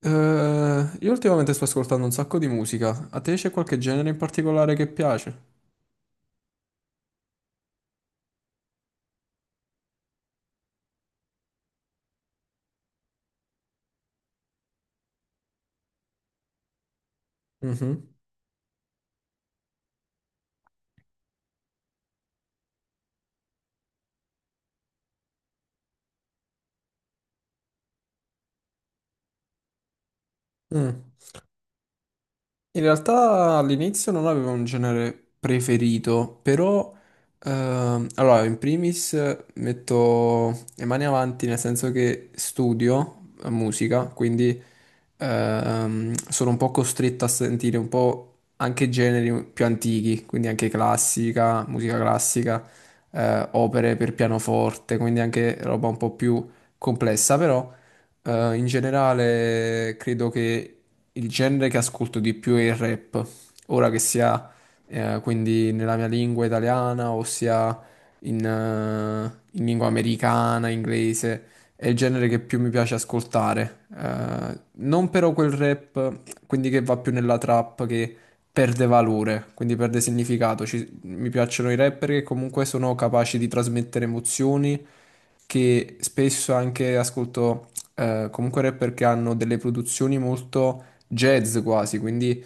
Io ultimamente sto ascoltando un sacco di musica. A te c'è qualche genere in particolare che piace? Mhm. Mm. In realtà all'inizio non avevo un genere preferito, però allora in primis metto le mani avanti nel senso che studio musica, quindi sono un po' costretto a sentire un po' anche generi più antichi, quindi anche classica, musica classica, opere per pianoforte, quindi anche roba un po' più complessa, però in generale credo che il genere che ascolto di più è il rap, ora che sia quindi nella mia lingua italiana o sia in, eh, in lingua americana, inglese. È il genere che più mi piace ascoltare. Non però quel rap, quindi che va più nella trap, che perde valore, quindi perde significato. Mi piacciono i rapper che comunque sono capaci di trasmettere emozioni, che spesso anche ascolto comunque rapper che hanno delle produzioni molto jazz quasi, quindi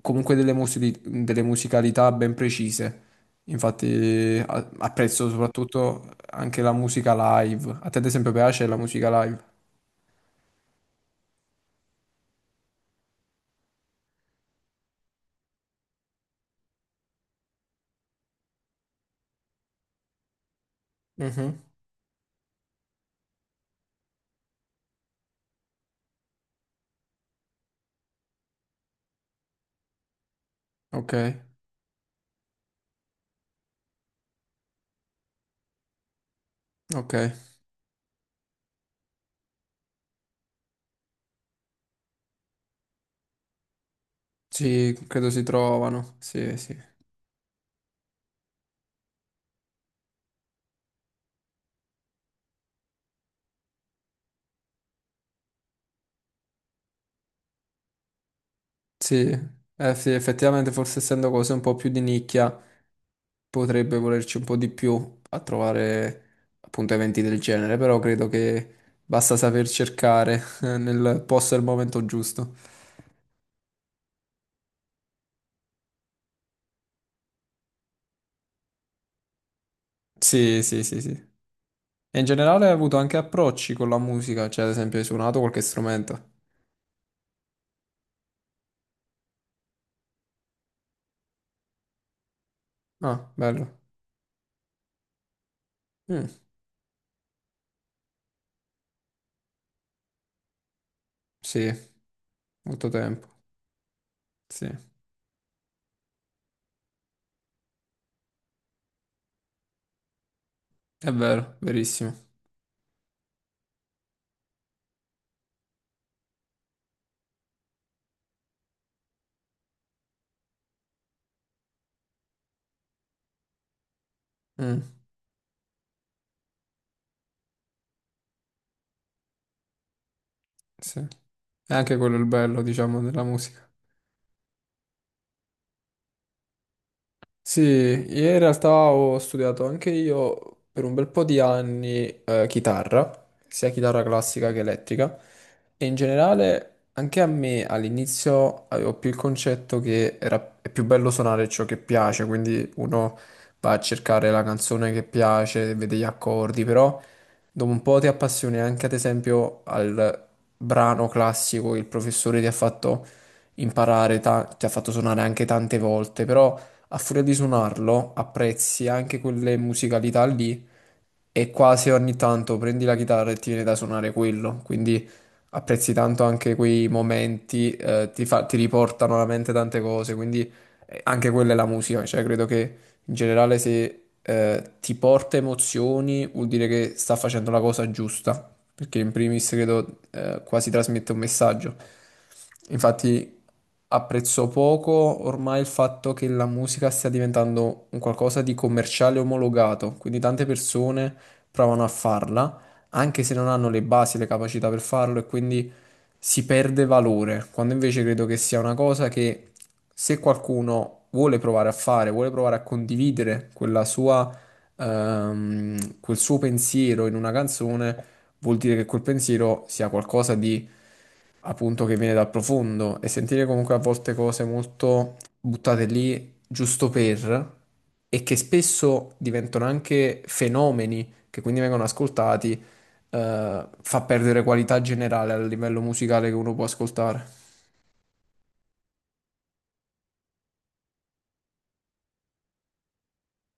comunque delle, delle musicalità ben precise. Infatti apprezzo soprattutto anche la musica live. A te ad esempio piace la musica live? Mhm. Ok, ok. Sì, credo si trovano. Sì, sì. Sì, sì, effettivamente forse essendo cose un po' più di nicchia potrebbe volerci un po' di più a trovare appunto eventi del genere, però credo che basta saper cercare nel posto e al momento giusto. Sì, sì, sì, sì. E in generale hai avuto anche approcci con la musica, cioè ad esempio hai suonato qualche strumento. Ah, bello. Mm, sì, molto tempo. Sì, è vero, verissimo. Mm, sì. È anche quello il bello, diciamo, della musica. Sì, io in realtà ho studiato anche io per un bel po' di anni chitarra, sia chitarra classica che elettrica, e in generale anche a me all'inizio avevo più il concetto che è più bello suonare ciò che piace, quindi uno va a cercare la canzone che piace, vede gli accordi, però dopo un po' ti appassioni anche ad esempio al brano classico che il professore ti ha fatto imparare, ti ha fatto suonare anche tante volte, però a furia di suonarlo apprezzi anche quelle musicalità lì e quasi ogni tanto prendi la chitarra e ti viene da suonare quello, quindi apprezzi tanto anche quei momenti, ti riportano alla mente tante cose, quindi anche quella è la musica, cioè credo che in generale se ti porta emozioni vuol dire che sta facendo la cosa giusta perché in primis credo quasi trasmette un messaggio. Infatti apprezzo poco ormai il fatto che la musica stia diventando un qualcosa di commerciale omologato, quindi tante persone provano a farla, anche se non hanno le basi, le capacità per farlo e quindi si perde valore, quando invece credo che sia una cosa che se qualcuno vuole provare a fare, vuole provare a condividere quella sua quel suo pensiero in una canzone, vuol dire che quel pensiero sia qualcosa di appunto che viene dal profondo e sentire comunque a volte cose molto buttate lì giusto per e che spesso diventano anche fenomeni che quindi vengono ascoltati, fa perdere qualità generale a livello musicale che uno può ascoltare.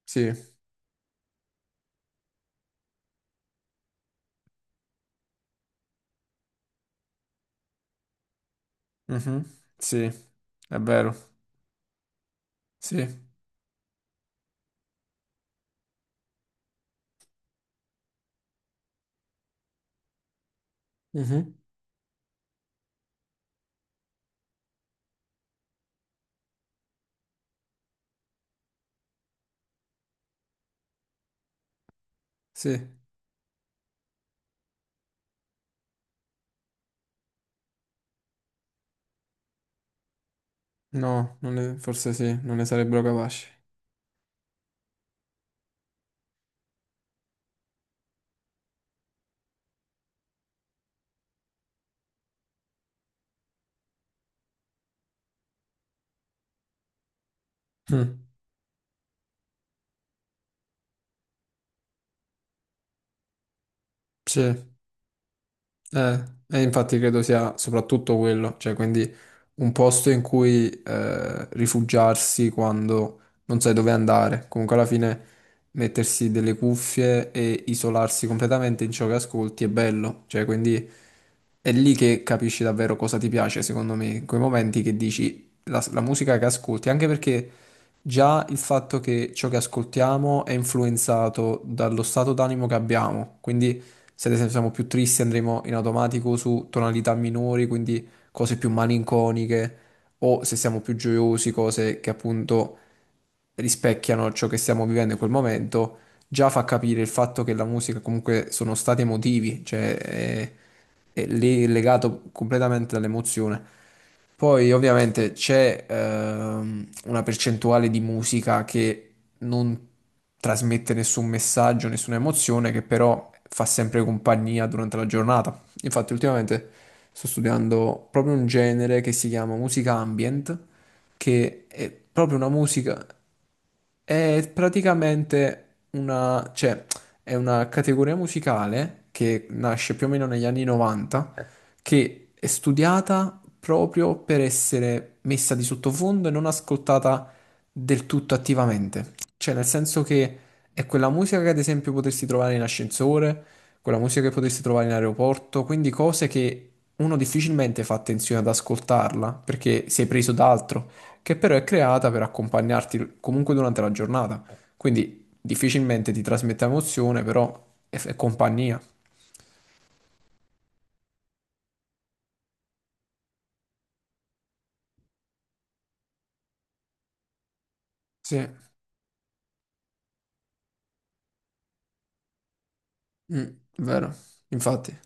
Sì. Mhm. Sì, è vero. Sì. Mhm. Sì, no, non ne- forse sì, non ne sarebbero capaci. Mm. Sì. E infatti credo sia soprattutto quello, cioè quindi un posto in cui rifugiarsi quando non sai dove andare, comunque alla fine mettersi delle cuffie e isolarsi completamente in ciò che ascolti è bello, cioè quindi è lì che capisci davvero cosa ti piace, secondo me, in quei momenti che dici la musica che ascolti, anche perché già il fatto che ciò che ascoltiamo è influenzato dallo stato d'animo che abbiamo, quindi se ad esempio siamo più tristi andremo in automatico su tonalità minori, quindi cose più malinconiche, o se siamo più gioiosi, cose che appunto rispecchiano ciò che stiamo vivendo in quel momento, già fa capire il fatto che la musica comunque sono stati emotivi, cioè è lì legato completamente all'emozione. Poi ovviamente c'è una percentuale di musica che non trasmette nessun messaggio, nessuna emozione, che però fa sempre compagnia durante la giornata. Infatti ultimamente sto studiando proprio un genere che si chiama musica ambient, che è proprio una musica. È praticamente una, cioè, è una categoria musicale che nasce più o meno negli anni 90, che è studiata proprio per essere messa di sottofondo e non ascoltata del tutto attivamente. Cioè, nel senso che è quella musica che ad esempio potresti trovare in ascensore, quella musica che potresti trovare in aeroporto, quindi cose che uno difficilmente fa attenzione ad ascoltarla perché sei preso da altro che però è creata per accompagnarti comunque durante la giornata. Quindi difficilmente ti trasmette emozione, però è compagnia. Sì. Mm, vero, infatti.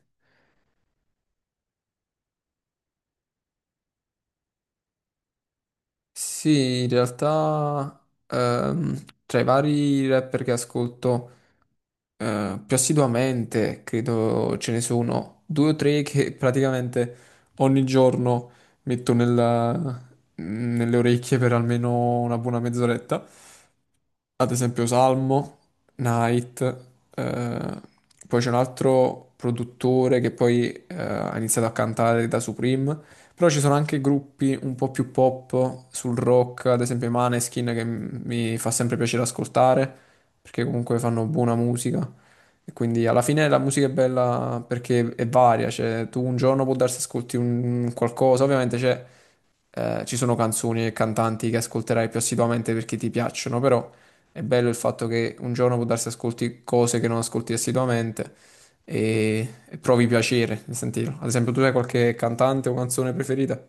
Sì, in realtà tra i vari rapper che ascolto più assiduamente, credo ce ne sono due o tre che praticamente ogni giorno metto nella- nelle orecchie per almeno una buona mezz'oretta. Ad esempio Salmo, Night, eh, poi c'è un altro produttore che poi ha iniziato a cantare da Supreme, però ci sono anche gruppi un po' più pop sul rock, ad esempio i Maneskin che mi fa sempre piacere ascoltare perché comunque fanno buona musica. E quindi alla fine la musica è bella perché è varia, cioè tu un giorno può darsi ascolti un qualcosa, ovviamente c'è ci sono canzoni e cantanti che ascolterai più assiduamente perché ti piacciono, però è bello il fatto che un giorno può darsi ascolti cose che non ascolti assiduamente e provi piacere nel sentirlo. Ad esempio, tu hai qualche cantante o canzone preferita?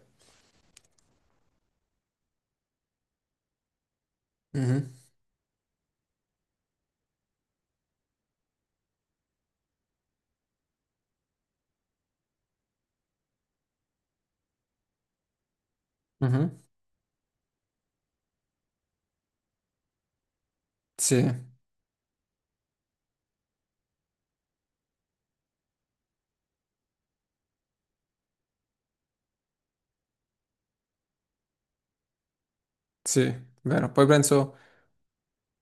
Mhm, mhm. Sì, sì, vero. Poi penso,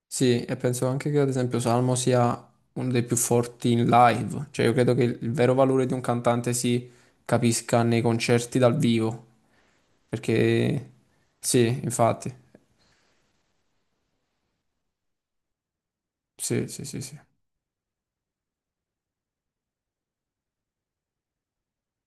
sì, e penso anche che ad esempio Salmo sia uno dei più forti in live, cioè io credo che il vero valore di un cantante si capisca nei concerti dal vivo, perché sì, infatti. Sì, sì, sì, sì.